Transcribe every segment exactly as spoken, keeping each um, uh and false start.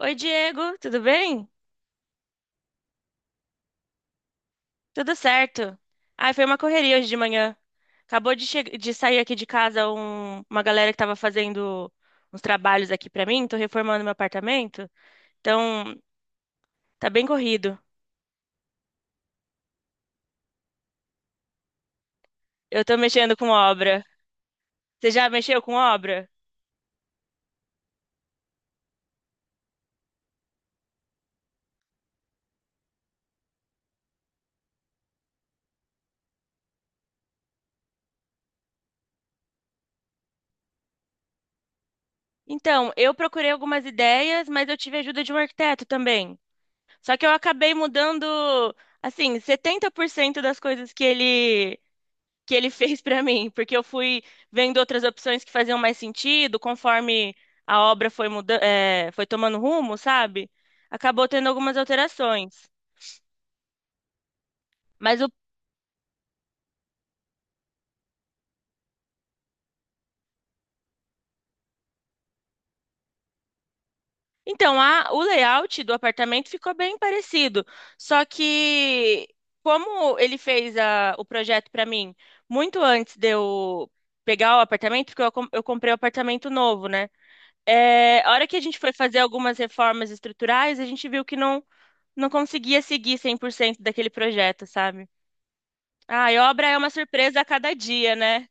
Oi, Diego, tudo bem? Tudo certo. Ai, foi uma correria hoje de manhã. Acabou de, che- de Sair aqui de casa um- uma galera que tava fazendo uns trabalhos aqui pra mim. Tô reformando meu apartamento. Então, tá bem corrido. Eu tô mexendo com obra. Você já mexeu com obra? Então, eu procurei algumas ideias, mas eu tive a ajuda de um arquiteto também. Só que eu acabei mudando, assim, setenta por cento das coisas que ele que ele fez pra mim, porque eu fui vendo outras opções que faziam mais sentido, conforme a obra foi muda é, foi tomando rumo, sabe? Acabou tendo algumas alterações. Mas o Então, a, o layout do apartamento ficou bem parecido, só que como ele fez a, o projeto pra mim muito antes de eu pegar o apartamento, porque eu, com- eu comprei o apartamento novo, né? É, a hora que a gente foi fazer algumas reformas estruturais, a gente viu que não não conseguia seguir cem por cento daquele projeto, sabe? Ai, obra é uma surpresa a cada dia, né?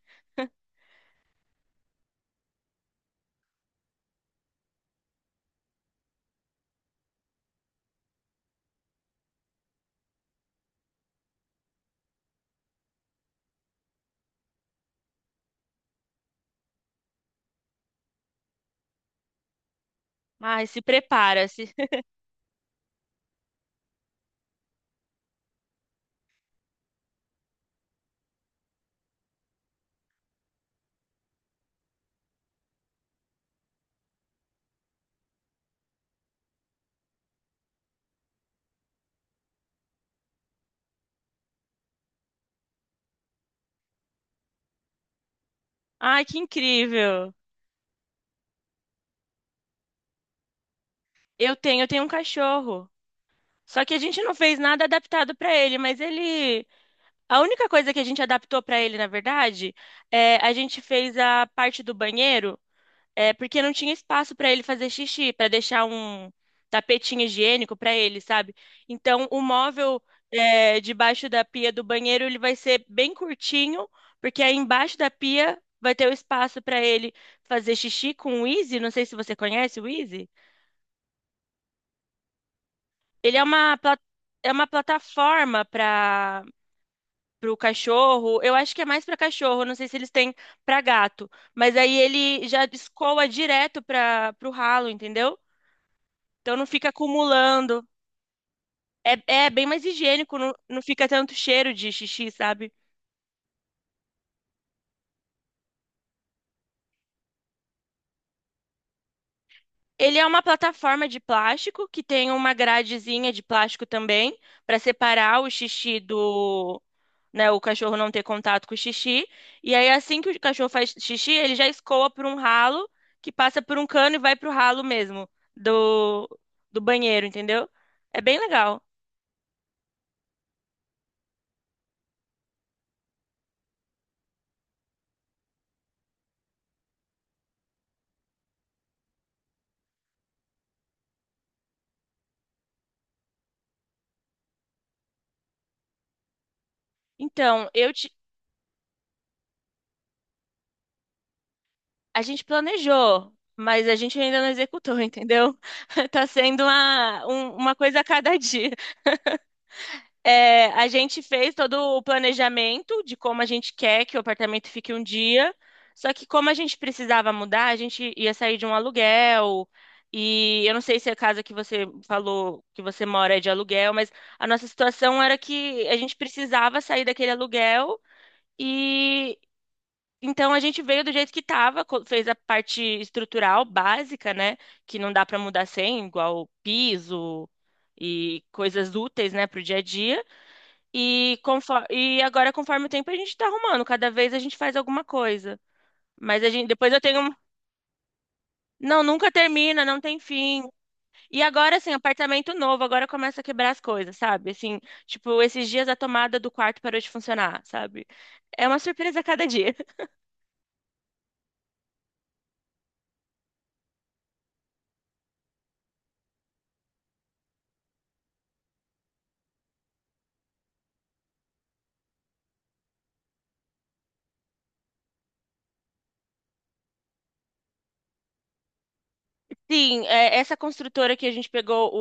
Ai, se prepara-se. Ai, que incrível. Eu tenho, eu tenho um cachorro. Só que a gente não fez nada adaptado para ele, mas ele, a única coisa que a gente adaptou para ele, na verdade, é a gente fez a parte do banheiro. É porque não tinha espaço para ele fazer xixi, para deixar um tapetinho higiênico para ele, sabe? Então, o móvel é, debaixo da pia do banheiro ele vai ser bem curtinho, porque aí embaixo da pia vai ter o espaço para ele fazer xixi com o Easy. Não sei se você conhece o Easy. Ele é uma pla- É uma plataforma para o cachorro. Eu acho que é mais para cachorro. Não sei se eles têm para gato, mas aí ele já escoa direto para o ralo, entendeu? Então não fica acumulando. É, é bem mais higiênico, não, não fica tanto cheiro de xixi, sabe? Ele é uma plataforma de plástico que tem uma gradezinha de plástico também para separar o xixi do, né, o cachorro não ter contato com o xixi. E aí assim que o cachorro faz xixi, ele já escoa por um ralo que passa por um cano e vai pro ralo mesmo do do banheiro, entendeu? É bem legal. Então, eu ti- A gente planejou, mas a gente ainda não executou, entendeu? Tá sendo uma, um- uma coisa a cada dia. É, a gente fez todo o planejamento de como a gente quer que o apartamento fique um dia, só que como a gente precisava mudar, a gente ia sair de um aluguel. E eu não sei se a casa que você falou que você mora é de aluguel, mas a nossa situação era que a gente precisava sair daquele aluguel e então a gente veio do jeito que estava, fez a parte estrutural básica, né? Que não dá para mudar sem, igual piso e coisas úteis, né, para o dia a dia. E, conforme, e agora, conforme o tempo, a gente está arrumando. Cada vez a gente faz alguma coisa. Mas a gente, depois eu tenho. Um- Não, nunca termina, não tem fim. E agora, assim, apartamento novo, agora começa a quebrar as coisas, sabe? Assim, tipo, esses dias a tomada do quarto parou de funcionar, sabe? É uma surpresa a cada dia. Sim, é, essa construtora que a gente pegou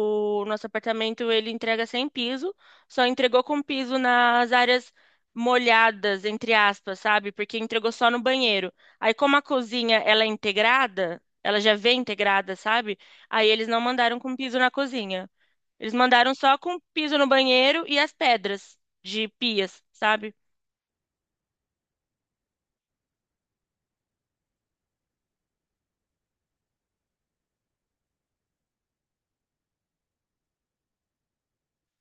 o nosso apartamento, ele entrega sem piso, só entregou com piso nas áreas molhadas, entre aspas, sabe? Porque entregou só no banheiro. Aí, como a cozinha, ela é integrada, ela já vem integrada, sabe? Aí eles não mandaram com piso na cozinha. Eles mandaram só com piso no banheiro e as pedras de pias, sabe?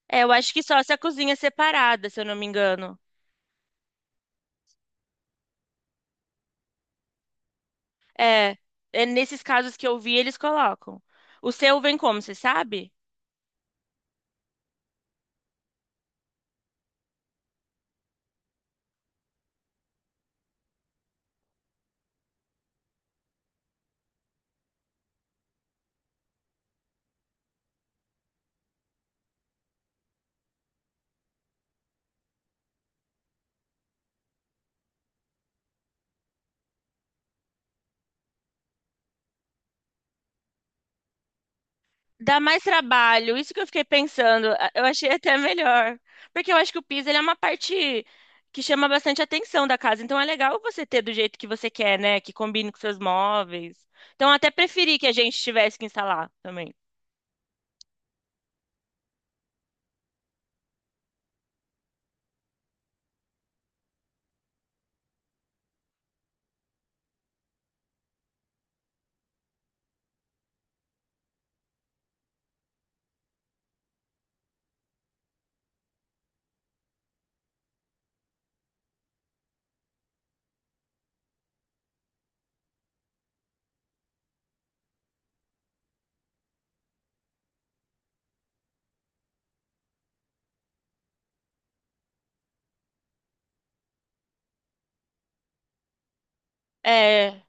É, eu acho que só se a cozinha é separada, se eu não me engano. É, é nesses casos que eu vi, eles colocam. O seu vem como, você sabe? Dá mais trabalho, isso que eu fiquei pensando. a- Eu achei até melhor. Porque eu acho que o piso, ele é uma parte que chama bastante atenção da casa. Então é legal você ter do jeito que você quer, né? Que combine com seus móveis. Então eu até preferi que a gente tivesse que instalar também. É,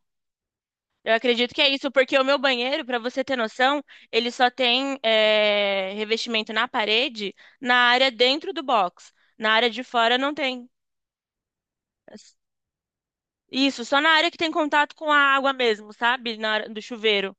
eu acredito que é isso, porque o meu banheiro, para você ter noção, ele só tem eh, revestimento na parede, na área dentro do box. Na área de fora não tem. Isso, só na área que tem contato com a água mesmo, sabe? Na área do chuveiro.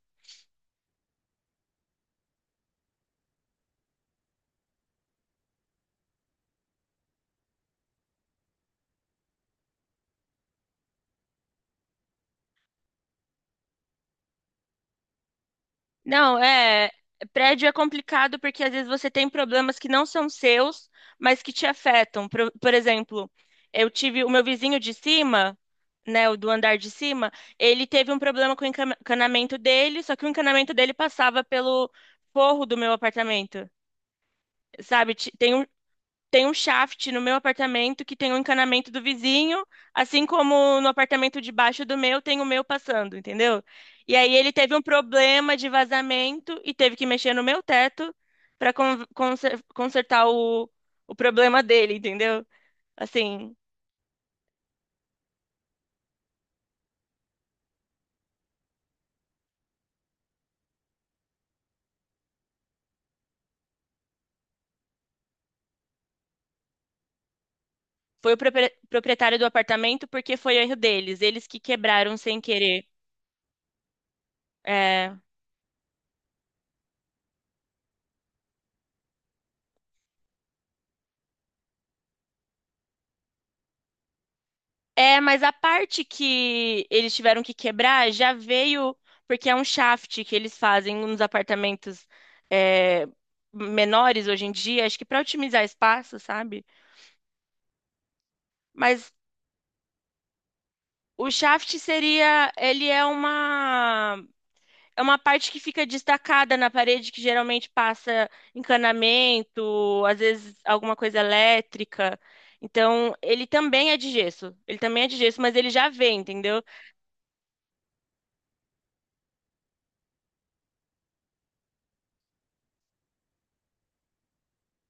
Não, é. Prédio é complicado porque às vezes você tem problemas que não são seus, mas que te afetam. Por, por exemplo, eu tive o meu vizinho de cima, né, o do andar de cima, ele teve um problema com o encan- encanamento dele, só que o encanamento dele passava pelo forro do meu apartamento. Sabe, Ti- tem um, tem um shaft no meu apartamento que tem o encanamento do vizinho, assim como no apartamento de baixo do meu tem o meu passando, entendeu? E aí ele teve um problema de vazamento e teve que mexer no meu teto para consertar o, o problema dele, entendeu? Assim, foi o propre- proprietário do apartamento porque foi erro deles, eles que quebraram sem querer. É. É, mas a parte que eles tiveram que quebrar já veio porque é um shaft que eles fazem nos apartamentos é, menores hoje em dia, acho que para otimizar espaço, sabe? Mas o shaft seria, ele é uma é uma parte que fica destacada na parede que geralmente passa encanamento, às vezes alguma coisa elétrica. Então, ele também é de gesso. Ele também é de gesso, mas ele já vem, entendeu?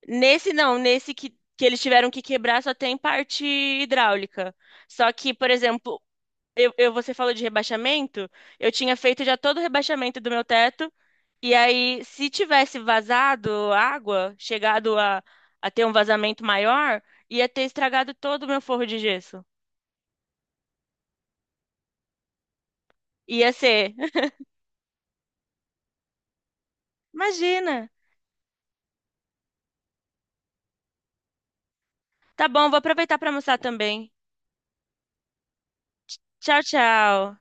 Nesse não, nesse que, que eles tiveram que quebrar só tem parte hidráulica. Só que, por exemplo, eu, eu- você falou de rebaixamento, eu tinha feito já todo o rebaixamento do meu teto, e aí se tivesse vazado água, chegado a, a ter um vazamento maior, ia ter estragado todo o meu forro de gesso. Ia ser. Imagina. Tá bom, vou aproveitar para almoçar também. Tchau, tchau.